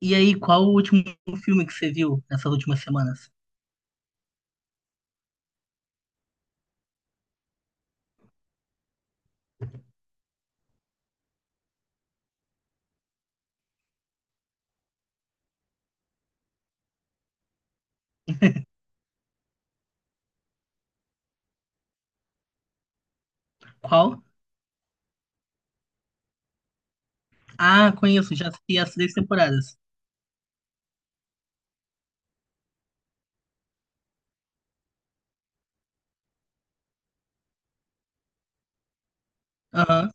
E aí, qual o último filme que você viu nessas últimas semanas? Qual? Ah, conheço, já assisti as três temporadas. Aham,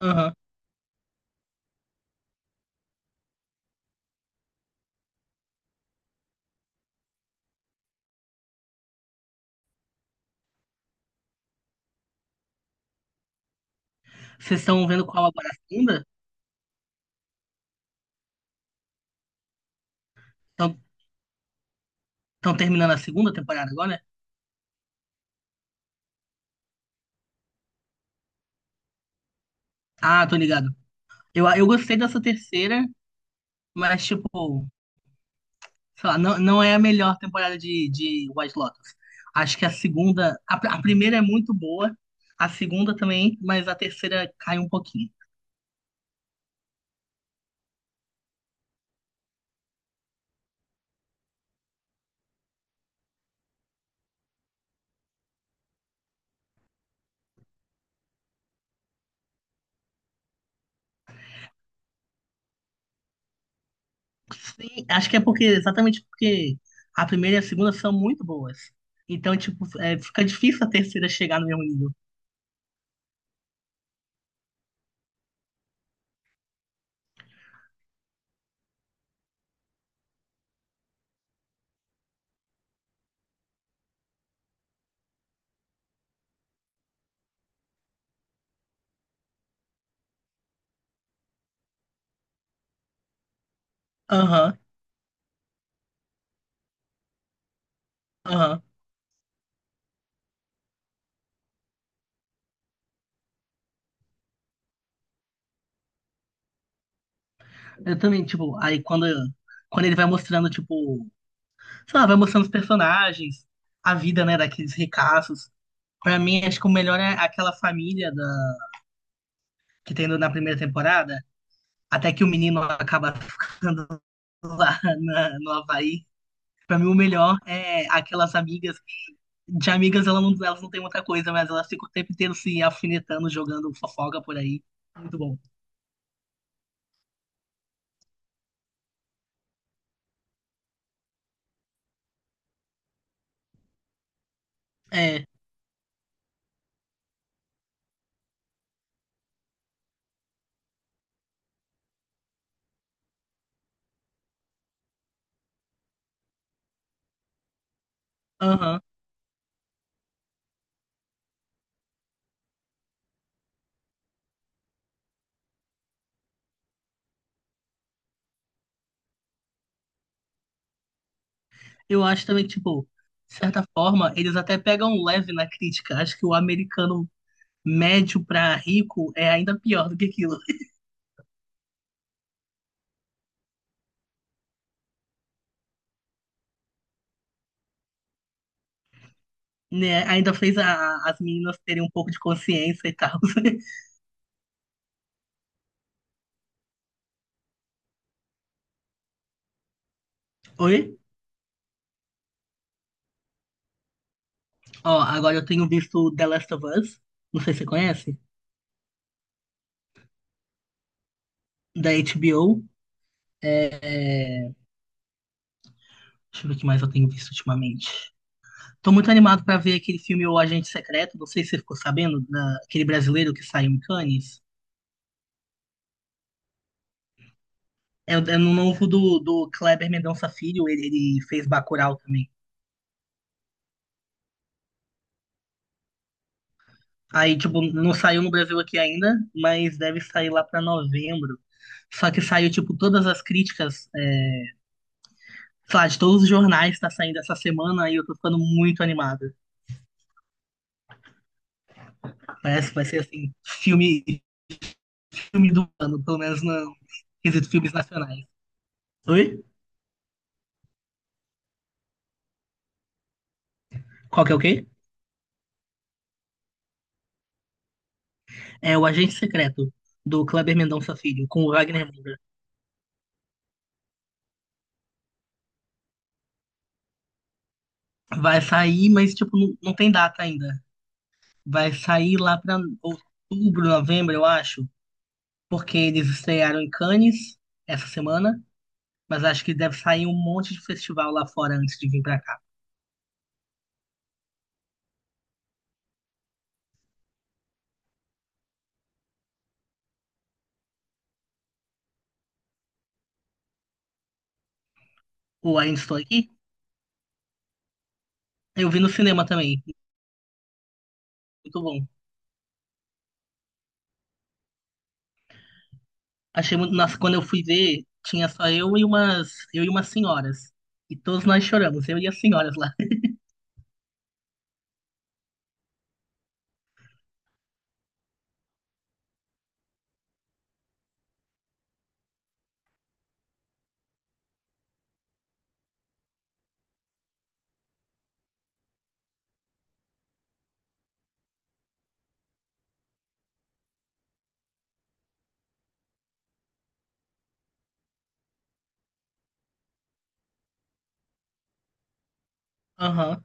aham. Vocês estão vendo qual agora? A segunda? Estão terminando a segunda temporada agora? Ah, tô ligado. Eu gostei dessa terceira, mas, tipo, sei lá, não é a melhor temporada de White Lotus. Acho que a segunda. A, a primeira é muito boa, a segunda também, mas a terceira cai um pouquinho. Sim, acho que é porque, exatamente porque a primeira e a segunda são muito boas. Então, tipo, é, fica difícil a terceira chegar no mesmo nível. Aham, aham. Eu também, tipo, aí quando, quando ele vai mostrando, tipo, sei lá, vai mostrando os personagens, a vida, né, daqueles ricaços. Pra mim, acho que o melhor é aquela família da, que tem na primeira temporada, até que o menino acaba lá na, no Havaí. Pra mim, o melhor é aquelas amigas. De amigas, ela não, elas não têm muita coisa, mas elas ficam o tempo inteiro se alfinetando, jogando fofoca por aí. Muito bom. É, aham. Eu acho também que, tipo, de certa forma, eles até pegam leve na crítica. Acho que o americano médio pra rico é ainda pior do que aquilo. Né? Ainda fez as meninas terem um pouco de consciência e tal. Oi? Ó, agora eu tenho visto The Last of Us. Não sei se você conhece. Da HBO. É... é, Deixa eu ver o que mais eu tenho visto ultimamente. Tô muito animado pra ver aquele filme O Agente Secreto. Não sei se você ficou sabendo, aquele brasileiro que saiu em Cannes. É, é no novo do, do Kleber Mendonça Filho, ele fez Bacurau também. Aí, tipo, não saiu no Brasil aqui ainda, mas deve sair lá pra novembro. Só que saiu, tipo, todas as críticas, é, sei lá, de todos os jornais tá saindo essa semana. Aí eu tô ficando muito animado. Parece que vai ser, assim, filme, filme do ano, pelo menos no quesito filmes nacionais. Oi? Qual que é o quê? É o Agente Secreto do Kleber Mendonça Filho com o Wagner Moura. Vai sair, mas tipo, não tem data ainda. Vai sair lá pra outubro, novembro, eu acho, porque eles estrearam em Cannes essa semana, mas acho que deve sair um monte de festival lá fora antes de vir pra cá. O Ainda Estou Aqui, eu vi no cinema também, muito bom. Achei muito, nossa, quando eu fui ver, tinha só eu e umas senhoras. E todos nós choramos, eu e as senhoras lá. Aham,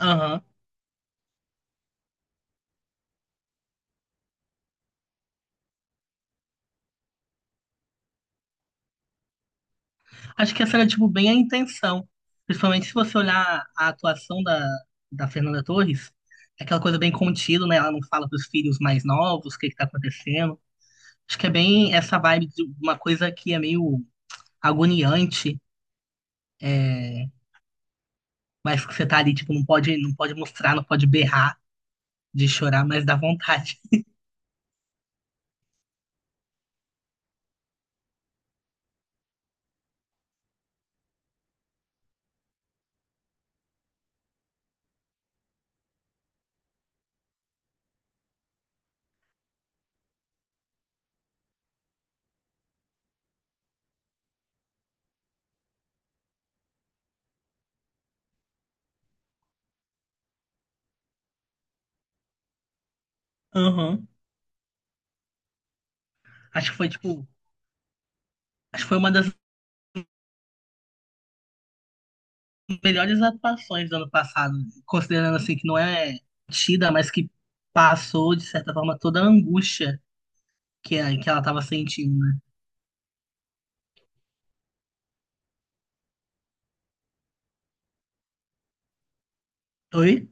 aham. Acho que essa era, tipo, bem a intenção. Principalmente se você olhar a atuação da, da Fernanda Torres, é aquela coisa bem contida, né? Ela não fala pros filhos mais novos o que que tá acontecendo. Acho que é bem essa vibe de uma coisa que é meio agoniante, é, mas que você tá ali, tipo, não pode mostrar, não pode berrar de chorar, mas dá vontade. Aham. Acho que foi, tipo, acho que foi uma das melhores atuações do ano passado, considerando, assim, que não é tida, mas que passou, de certa forma, toda a angústia que, que ela tava sentindo, né? Oi?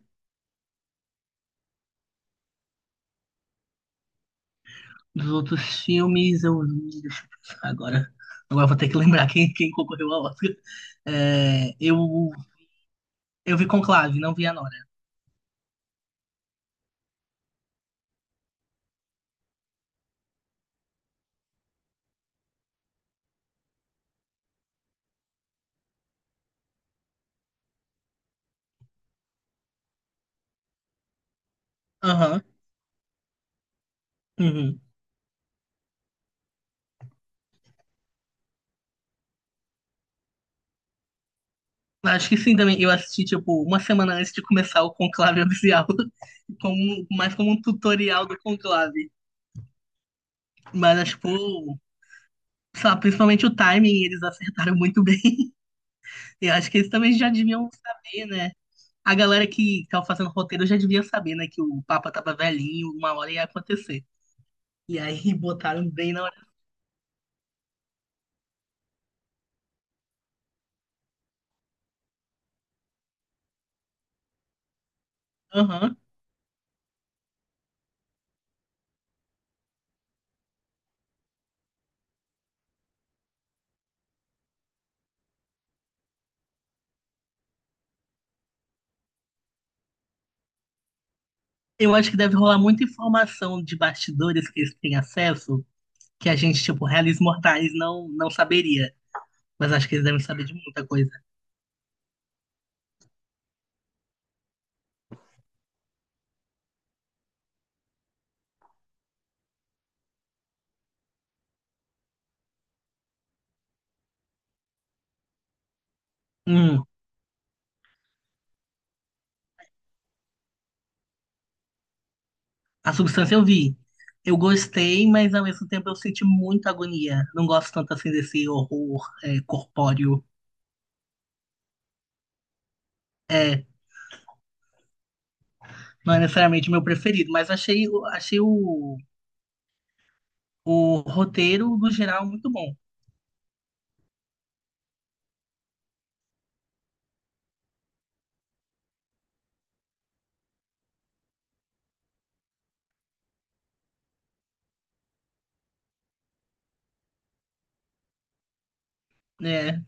Dos outros filmes, eu. Deixa eu pensar agora. Agora eu vou ter que lembrar quem, quem concorreu ao Oscar. É, eu, eu vi Conclave, não vi a Nora. Aham. Uhum. Acho que sim também. Eu assisti, tipo, uma semana antes de começar o Conclave oficial. Como, mais como um tutorial do Conclave. Mas, acho, tipo, sabe, principalmente o timing, eles acertaram muito bem. Eu acho que eles também já deviam saber, né? A galera que tava fazendo roteiro já devia saber, né? Que o Papa tava velhinho, uma hora ia acontecer. E aí botaram bem na hora. Aham. Eu acho que deve rolar muita informação de bastidores que eles têm acesso, que a gente, tipo, reis mortais não saberia. Mas acho que eles devem saber de muita coisa. Hum, a substância eu vi. Eu gostei, mas ao mesmo tempo eu senti muita agonia. Não gosto tanto assim desse horror é, corpóreo. É, não é necessariamente o meu preferido, mas achei, achei o roteiro, no geral, é muito bom, né?